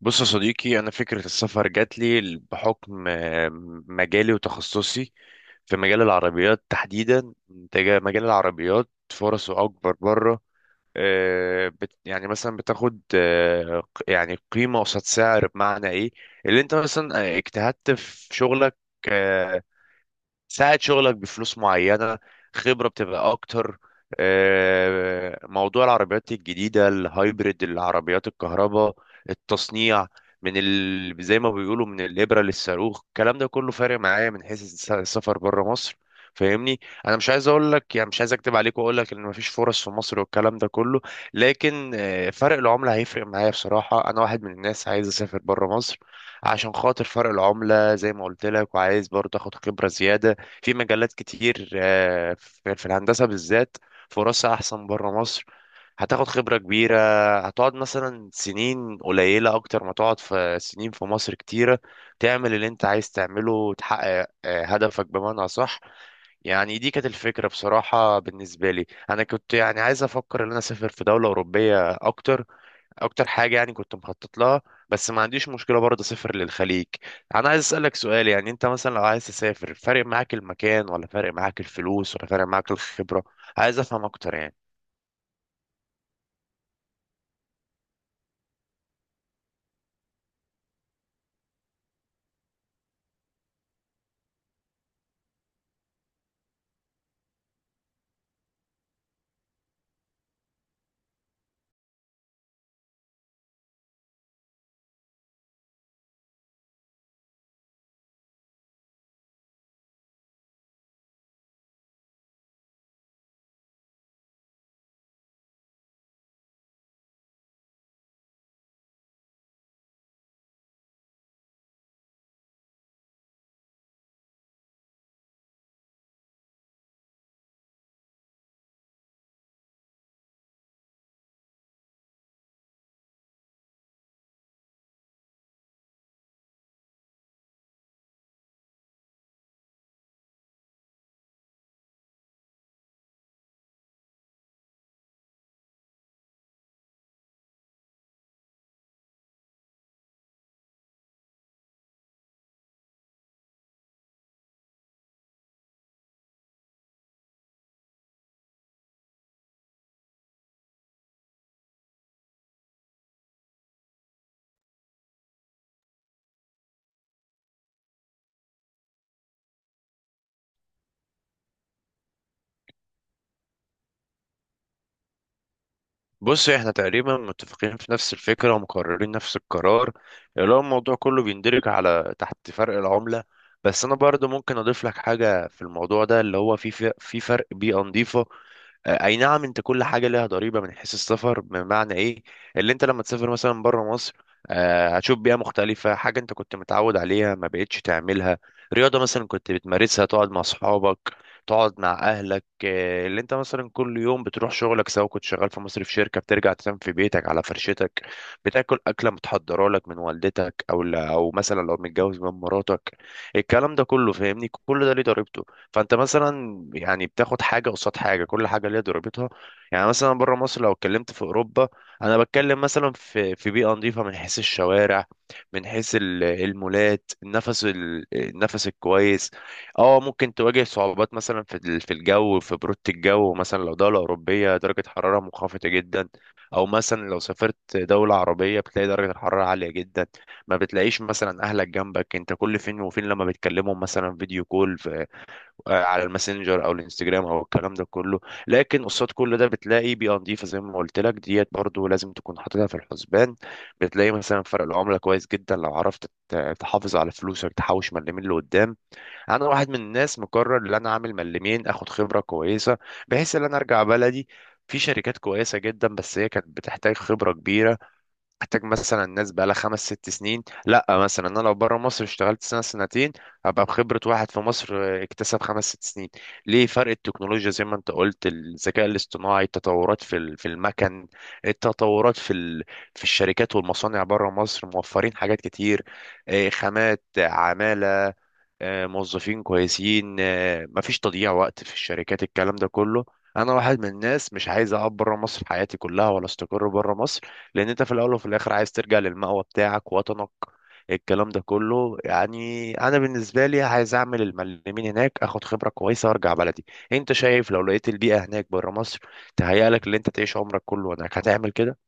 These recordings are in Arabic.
بص يا صديقي، أنا فكرة السفر جات لي بحكم مجالي وتخصصي في مجال العربيات تحديدا. انت مجال العربيات فرصه أكبر بره. يعني مثلا بتاخد يعني قيمة قصاد سعر، بمعنى إيه اللي أنت مثلا اجتهدت في شغلك، آه، ساعة شغلك بفلوس معينة، خبرة بتبقى أكتر. موضوع العربيات الجديدة، الهايبريد، العربيات الكهرباء، التصنيع، من زي ما بيقولوا من الإبرة للصاروخ، الكلام ده كله فارق معايا من حيث السفر بره مصر، فاهمني؟ انا مش عايز اقول لك، يعني مش عايز اكتب عليك واقول لك ان مفيش فرص في مصر والكلام ده كله، لكن فرق العمله هيفرق معايا. بصراحه انا واحد من الناس عايز اسافر بره مصر عشان خاطر فرق العملة زي ما قلت لك، وعايز برضه اخد خبرة زيادة في مجالات كتير، في الهندسة بالذات، فرصها أحسن بره مصر، هتاخد خبرة كبيرة، هتقعد مثلا سنين قليلة أكتر ما تقعد في سنين في مصر كتيرة، تعمل اللي أنت عايز تعمله وتحقق هدفك، بمعنى صح. يعني دي كانت الفكرة بصراحة. بالنسبة لي أنا كنت يعني عايز أفكر إن أنا أسافر في دولة أوروبية، أكتر اكتر حاجه يعني كنت مخطط لها، بس ما عنديش مشكله برضه اسافر للخليج. انا عايز اسالك سؤال، يعني انت مثلا لو عايز تسافر، فارق معاك المكان ولا فارق معاك الفلوس ولا فارق معاك الخبره؟ عايز افهم اكتر يعني. بص، احنا تقريبا متفقين في نفس الفكره ومقررين نفس القرار، اللي هو الموضوع كله بيندرج على تحت فرق العمله، بس انا برضه ممكن اضيف لك حاجه في الموضوع ده، اللي هو في فرق بيئه نظيفه. اي نعم، انت كل حاجه ليها ضريبه من حيث السفر، بمعنى ايه؟ اللي انت لما تسافر مثلا بره مصر، هتشوف بيئه مختلفه، حاجه انت كنت متعود عليها ما بقتش تعملها. رياضه مثلا كنت بتمارسها، تقعد مع اصحابك، تقعد مع اهلك، اللي انت مثلا كل يوم بتروح شغلك، سواء كنت شغال في مصر في شركه، بترجع تنام في بيتك على فرشتك، بتاكل اكله متحضره لك من والدتك او مثلا لو متجوز من مراتك، الكلام ده كله فاهمني، كل ده ليه ضريبته. فانت مثلا يعني بتاخد حاجه قصاد حاجه، كل حاجه ليها ضريبتها. يعني مثلا بره مصر لو اتكلمت في اوروبا، انا بتكلم مثلا في بيئه نظيفه، من حيث الشوارع، من حيث المولات، النفس النفس الكويس. اه ممكن تواجه صعوبات مثلا في الجو، في بروده الجو، مثلا لو دوله اوروبيه درجه حراره منخفضه جدا، او مثلا لو سافرت دوله عربيه بتلاقي درجه الحراره عاليه جدا، ما بتلاقيش مثلا اهلك جنبك. انت كل فين وفين لما بتكلمهم مثلا فيديو كول على الماسنجر او الانستجرام او الكلام ده كله، لكن قصاد كل ده بتلاقي بيئه نظيفه زي ما قلت لك، ديت برضو لازم تكون حاططها في الحسبان. بتلاقي مثلا فرق العمله كويس جدا، لو عرفت تحافظ على فلوسك تحوش مليمين لقدام. انا واحد من الناس مقرر ان انا اعمل مليمين، اخد خبره كويسه، بحيث ان انا ارجع بلدي. في شركات كويسة جدا بس هي كانت بتحتاج خبرة كبيرة، احتاج مثلا ناس بقالها خمس ست سنين، لا مثلا انا لو بره مصر اشتغلت سنه سنتين هبقى بخبره واحد في مصر اكتسب خمس ست سنين، ليه؟ فرق التكنولوجيا زي ما انت قلت، الذكاء الاصطناعي، التطورات في المكن، التطورات في الشركات والمصانع بره مصر، موفرين حاجات كتير، خامات، عماله، موظفين كويسين، مفيش تضييع وقت في الشركات، الكلام ده كله. انا واحد من الناس مش عايز اقعد بره مصر حياتي كلها ولا استقر بره مصر، لان انت في الاول وفي الاخر عايز ترجع للمأوى بتاعك، وطنك، الكلام ده كله. يعني انا بالنسبه لي عايز اعمل المعلمين هناك، اخد خبره كويسه وارجع بلدي. انت شايف لو لقيت البيئه هناك بره مصر تهيأ لك اللي انت تعيش عمرك كله هناك هتعمل كده؟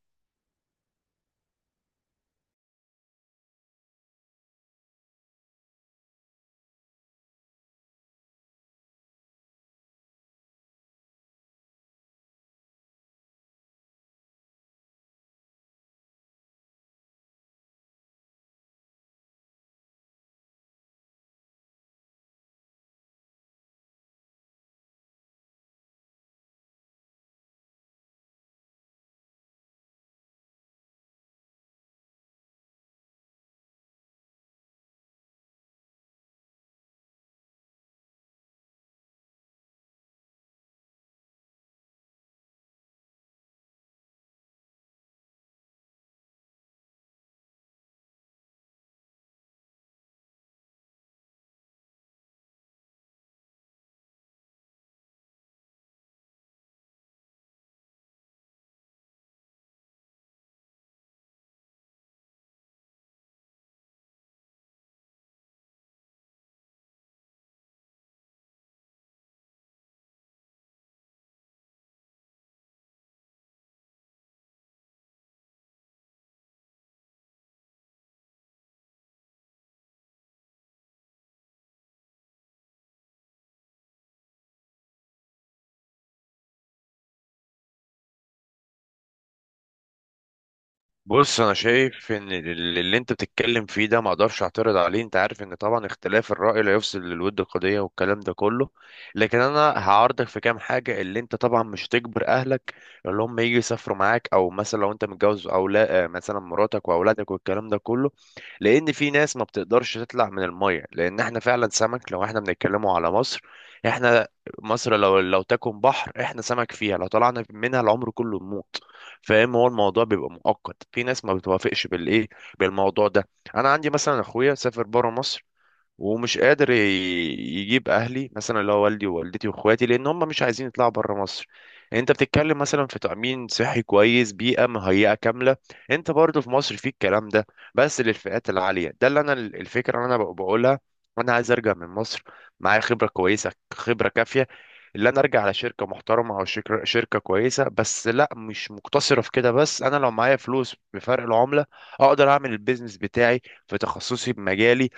بص انا شايف ان اللي انت بتتكلم فيه ده ما اقدرش اعترض عليه، انت عارف ان طبعا اختلاف الرأي لا يفسد للود قضية والكلام ده كله. لكن انا هعارضك في كام حاجة، اللي انت طبعا مش تجبر اهلك اللي هم يجي يسافروا معاك، او مثلا لو انت متجوز او لا مثلا مراتك واولادك والكلام ده كله، لان في ناس ما بتقدرش تطلع من المية، لان احنا فعلا سمك لو احنا بنتكلموا على مصر. احنا مصر لو تكن بحر، احنا سمك فيها، لو طلعنا منها العمر كله نموت، فاهم؟ هو الموضوع بيبقى مؤقت، في ناس ما بتوافقش بالايه، بالموضوع ده. انا عندي مثلا اخويا سافر بره مصر، ومش قادر يجيب اهلي مثلا اللي هو والدي ووالدتي واخواتي لان هم مش عايزين يطلعوا بره مصر. يعني انت بتتكلم مثلا في تأمين صحي كويس، بيئة مهيئة كاملة، انت برضو في مصر في الكلام ده، بس للفئات العالية. ده اللي انا الفكرة اللي انا بقولها. انا عايز ارجع من مصر معايا خبرة كويسة، خبرة كافية، اللي انا ارجع على شركة محترمة او شركة كويسة، بس لا مش مقتصرة في كده بس، انا لو معايا فلوس بفرق العملة اقدر اعمل البيزنس بتاعي في تخصصي بمجالي،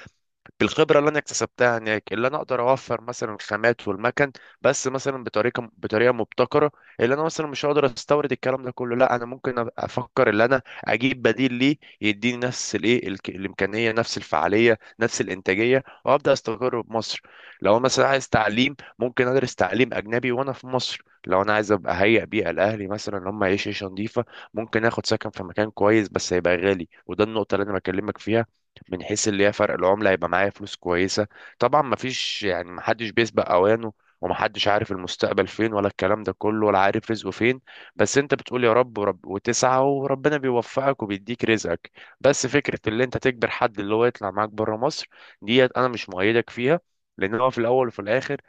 بالخبره اللي انا اكتسبتها هناك، اللي انا اقدر اوفر مثلا الخامات والمكن، بس مثلا بطريقه مبتكره، اللي انا مثلا مش هقدر استورد الكلام ده كله. لا انا ممكن أبقى افكر اللي انا اجيب بديل ليه يديني نفس الايه الامكانيه، نفس الفعاليه، نفس الانتاجيه، وابدا استقر بمصر. لو أنا مثلا عايز تعليم ممكن ادرس تعليم اجنبي وانا في مصر. لو انا عايز ابقى هيئ بيئه لاهلي مثلا ان هم يعيشوا عيشه نظيفه ممكن اخد سكن في مكان كويس، بس هيبقى غالي، وده النقطه اللي انا بكلمك فيها، من حيث اللي هي فرق العملة هيبقى معايا فلوس كويسة. طبعا مفيش، يعني محدش بيسبق أوانه، ومحدش عارف المستقبل فين ولا الكلام ده كله، ولا عارف رزقه فين، بس انت بتقول يا رب ورب، وتسعى وربنا بيوفقك وبيديك رزقك. بس فكرة اللي انت تجبر حد اللي هو يطلع معاك بره مصر ديت انا مش مؤيدك فيها، لان هو في الاول وفي الاخر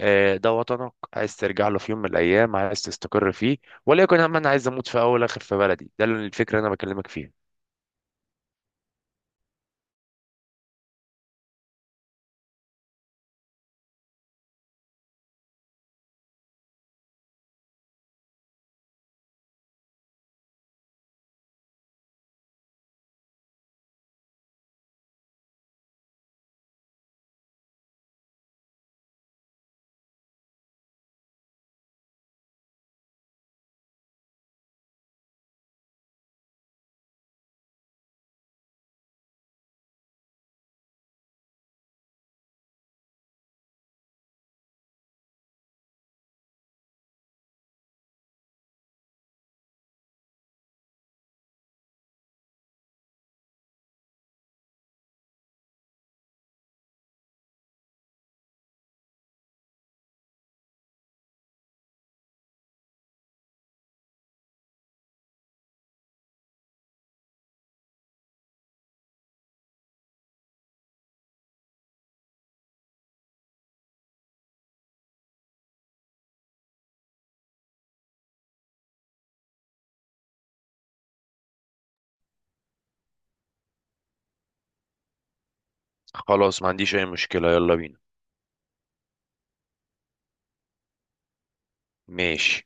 ده وطنك، عايز ترجع له في يوم من الايام، عايز تستقر فيه، وليكن. هم انا عايز اموت في اول اخر في بلدي، ده الفكرة اللي انا بكلمك فيها. خلاص ما عنديش اي مشكلة، يلا بينا. ماشي.